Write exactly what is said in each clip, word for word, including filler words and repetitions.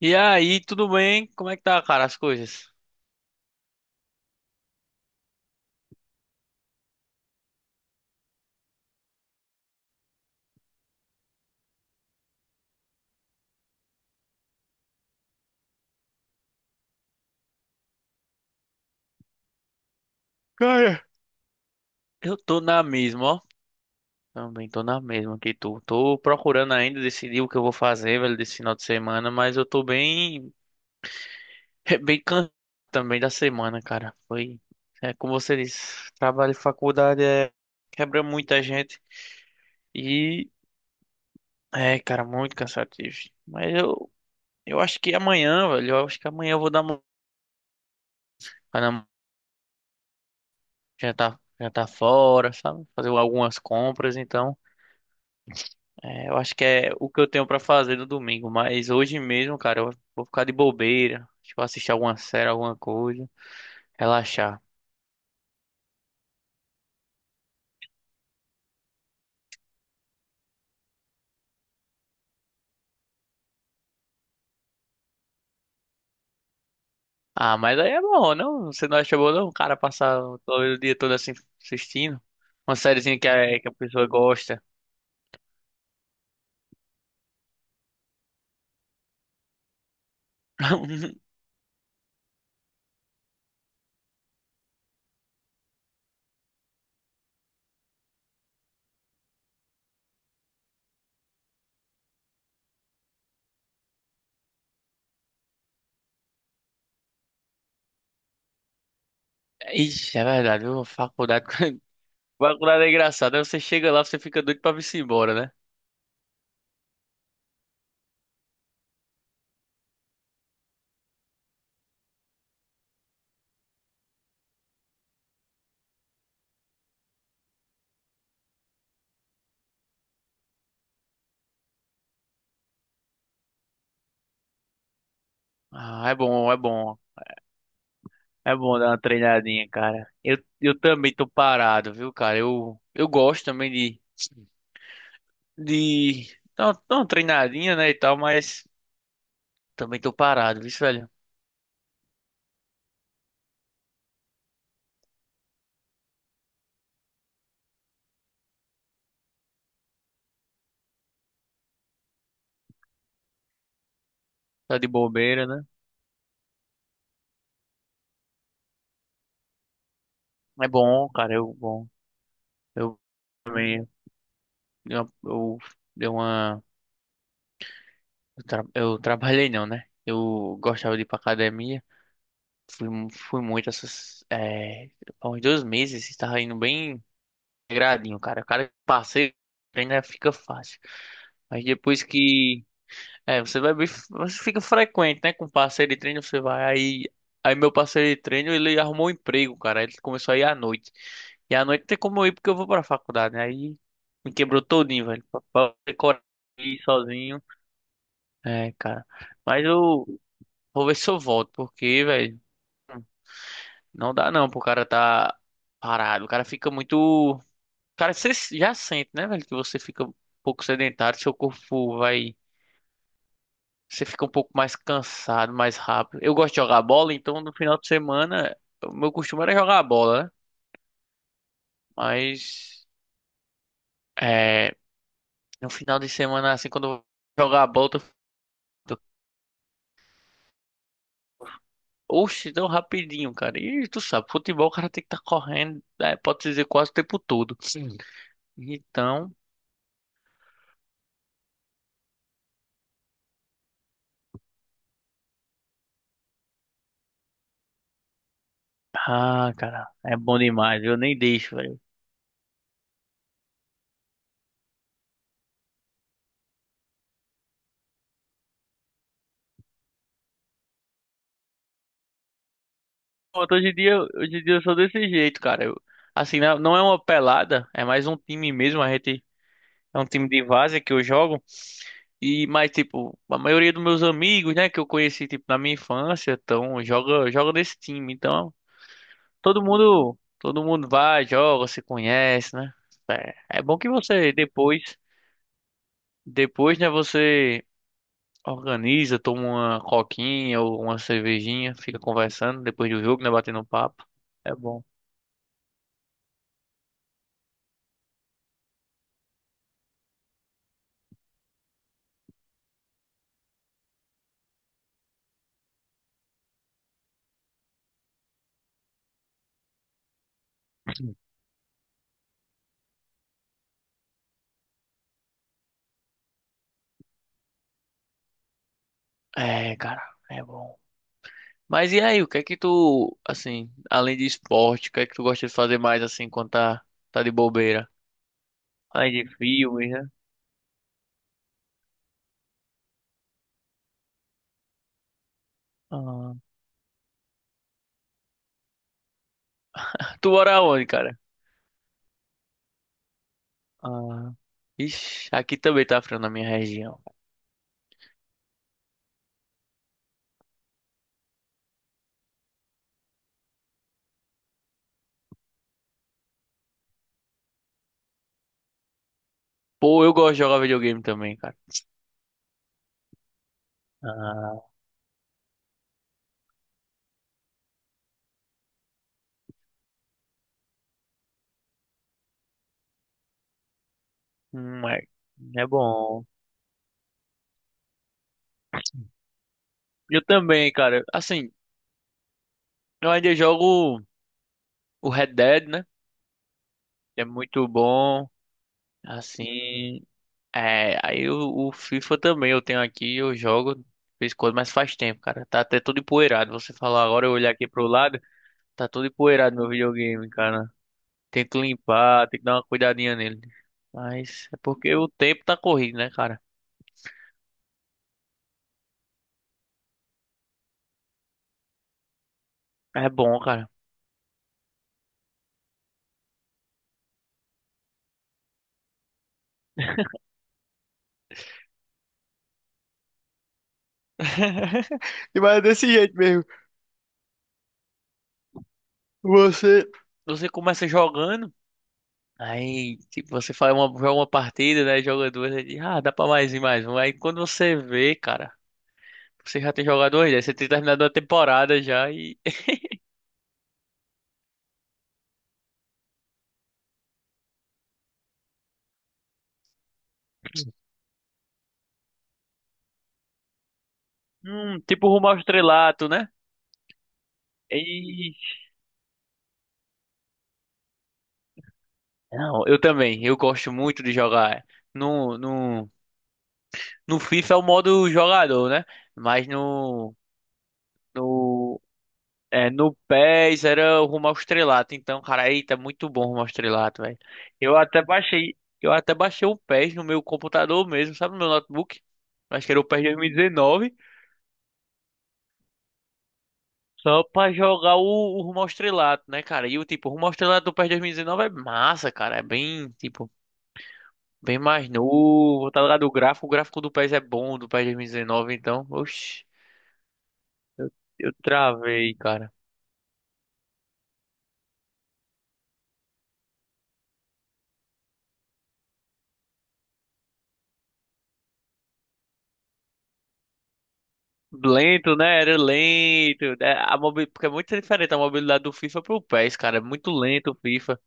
E aí, tudo bem? Como é que tá, cara, as coisas? Cara, Eu tô na mesma, ó. Também tô na mesma que tu. Tô procurando ainda decidir o que eu vou fazer, velho, desse final de semana, mas eu tô bem, bem cansado também da semana, cara. Foi, é como você disse, trabalho e faculdade é, quebra muita gente e é, cara, muito cansativo. Mas eu, eu acho que amanhã, velho, eu acho que amanhã eu vou dar uma, já tá, já tá fora, sabe? Fazer algumas compras. Então É, eu acho que é o que eu tenho pra fazer no domingo, mas hoje mesmo, cara, eu vou ficar de bobeira, tipo, assistir alguma série, alguma coisa, relaxar. Ah, mas aí é bom, não? Você não acha bom, não? Cara, passar o todo- o dia todo assim assistindo uma sériezinha que a, que a pessoa gosta. Ixi, é verdade, viu? Faculdade, faculdade é engraçada. Aí você chega lá, você fica doido pra vir-se embora, né? Ah, é bom, é bom. É bom dar uma treinadinha, cara. Eu, eu também tô parado, viu, cara? Eu, eu gosto também de dar uma dar uma treinadinha, né, e tal, mas também tô parado, viu, velho? Tá de bobeira, né? É bom, cara, eu bom. Eu também eu, eu dei uma eu, tra- eu trabalhei não, né? Eu gostava de ir pra academia. Fui, mu- fui muito essas é, há uns dois meses, estava indo bem gradinho, cara. O cara passei, ainda fica fácil. Mas depois que É, você vai bem, você fica frequente, né? Com parceiro de treino, você vai. Aí, aí meu parceiro de treino, ele arrumou um emprego, cara. Ele começou a ir à noite. E à noite não tem como eu ir porque eu vou pra faculdade, né? Aí me quebrou todinho, velho. Pra pra ter coragem de ir sozinho. É, cara. Mas eu vou ver se eu volto, porque, velho, não dá não pro cara tá parado. O cara fica muito. Cara, você já sente, né, velho, que você fica um pouco sedentário, seu corpo vai. Você fica um pouco mais cansado, mais rápido. Eu gosto de jogar bola, então no final de semana, o meu costume era jogar bola, né? Mas é, no final de semana, assim, quando eu vou jogar bola, eu tô, tô- oxe, tão rapidinho, cara. E tu sabe, futebol o cara tem que estar correndo, né? Pode dizer, quase o tempo todo. Sim. Então, ah, cara, é bom demais, eu nem deixo, velho. Pronto. Hoje em dia, hoje em dia eu sou desse jeito, cara. Eu, assim, não não é uma pelada, é mais um time mesmo, a gente. É um time de várzea que eu jogo. E mas tipo, a maioria dos meus amigos, né, que eu conheci tipo na minha infância, então joga joga nesse time. Então, todo mundo, todo mundo vai, joga, se conhece, né? É, é bom que você depois, depois, né, você organiza, toma uma coquinha ou uma cervejinha, fica conversando depois do jogo, né, batendo um papo. É bom. É, cara, é bom. Mas e aí, o que é que tu, assim, além de esporte, o que é que tu gosta de fazer mais assim quando tá tá de bobeira? Ai, de filmes, né? Ah. Tu mora onde, cara? Ah. Ixi, aqui também tá frio na minha região. Pô, eu gosto de jogar videogame também, cara. Ah. Hum, é, é bom. Eu também, cara. Assim, eu ainda jogo o Red Dead, né, que é muito bom. Assim, é. Aí o, o FIFA também eu tenho aqui, eu jogo de vez em quando, mas faz tempo, cara. Tá até todo empoeirado. Você falar agora, eu olhar aqui pro lado, tá todo empoeirado meu videogame, cara. Tento limpar, tem que dar uma cuidadinha nele. Mas é porque o tempo tá corrido, né, cara? É bom, cara. E Mas é desse jeito mesmo. Você. Você começa jogando, aí tipo, você faz uma, joga uma partida, né? Joga duas, aí diz, ah, dá pra mais e mais um. Aí quando você vê, cara, você já tem jogado dois, né? Você tem terminado a temporada já e. Hum, tipo rumo ao estrelato, né? E. Não, eu também. Eu gosto muito de jogar. é, No, no... No FIFA é o modo jogador, né? Mas no, no, é, no pés era o rumo ao estrelato. Então, cara, eita, muito bom o rumo ao estrelato, velho. Eu até baixei, eu até baixei o pés no meu computador mesmo, sabe? No meu notebook. Acho que era o pés dois mil e dezenove. Só pra jogar o, o rumo ao estrelato, né, cara? E o tipo, o rumo ao estrelato do pés dois mil e dezenove é massa, cara. É bem, tipo, bem mais novo. Tá ligado? O gráfico, o gráfico do pés é bom, do pés dois mil e dezenove. Então, oxi, eu travei, cara. Lento, né? Era lento. Né? A mobi... Porque é muito diferente a mobilidade do FIFA pro P E S, cara. É muito lento o FIFA.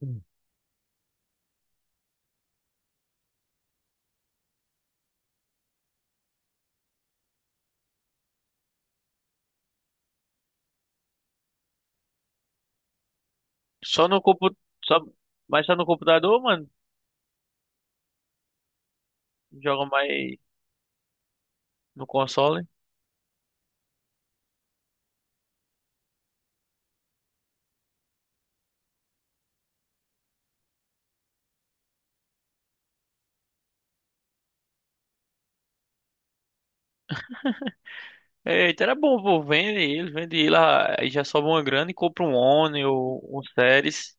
Hum. Só no computador. Só... Mas só no computador, mano. Joga mais no console. Eita, era bom, pô. Vende ele, vende ele. Ah, aí já sobe uma grana e compra um One ou um Series.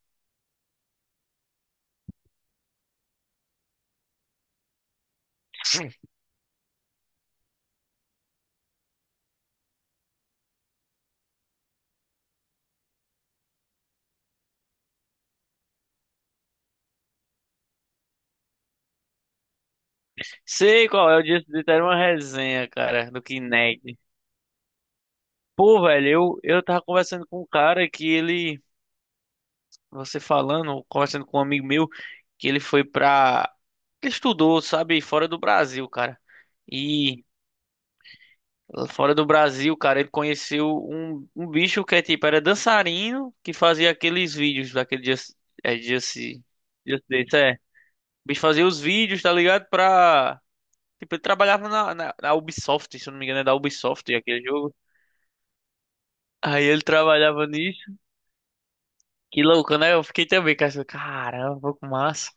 Sei qual é o dia de ter uma resenha, cara, do Kinect. Pô, velho, eu, eu tava conversando com um cara que ele. Você falando, conversando com um amigo meu, que ele foi pra. Ele estudou, sabe, fora do Brasil, cara. E fora do Brasil, cara, ele conheceu um, um bicho que é tipo, era dançarino que fazia aqueles vídeos daquele dia. É, dia se. Dia se, é. O bicho fazia os vídeos, tá ligado? Pra. Tipo, ele trabalhava na, na, na Ubisoft, se eu não me engano, é da Ubisoft aquele jogo. Aí ele trabalhava nisso. Que louco, né? Eu fiquei também, cara. Caramba, que massa.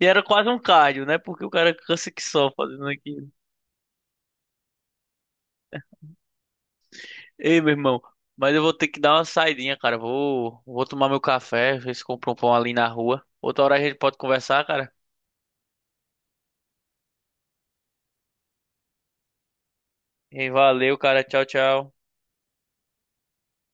E era quase um cardio, né? Porque o cara cansa que só fazendo aquilo. Ei, meu irmão, mas eu vou ter que dar uma saidinha, cara. Vou, vou tomar meu café, ver se compro um pão ali na rua. Outra hora a gente pode conversar, cara. Ei, valeu, cara. Tchau, tchau.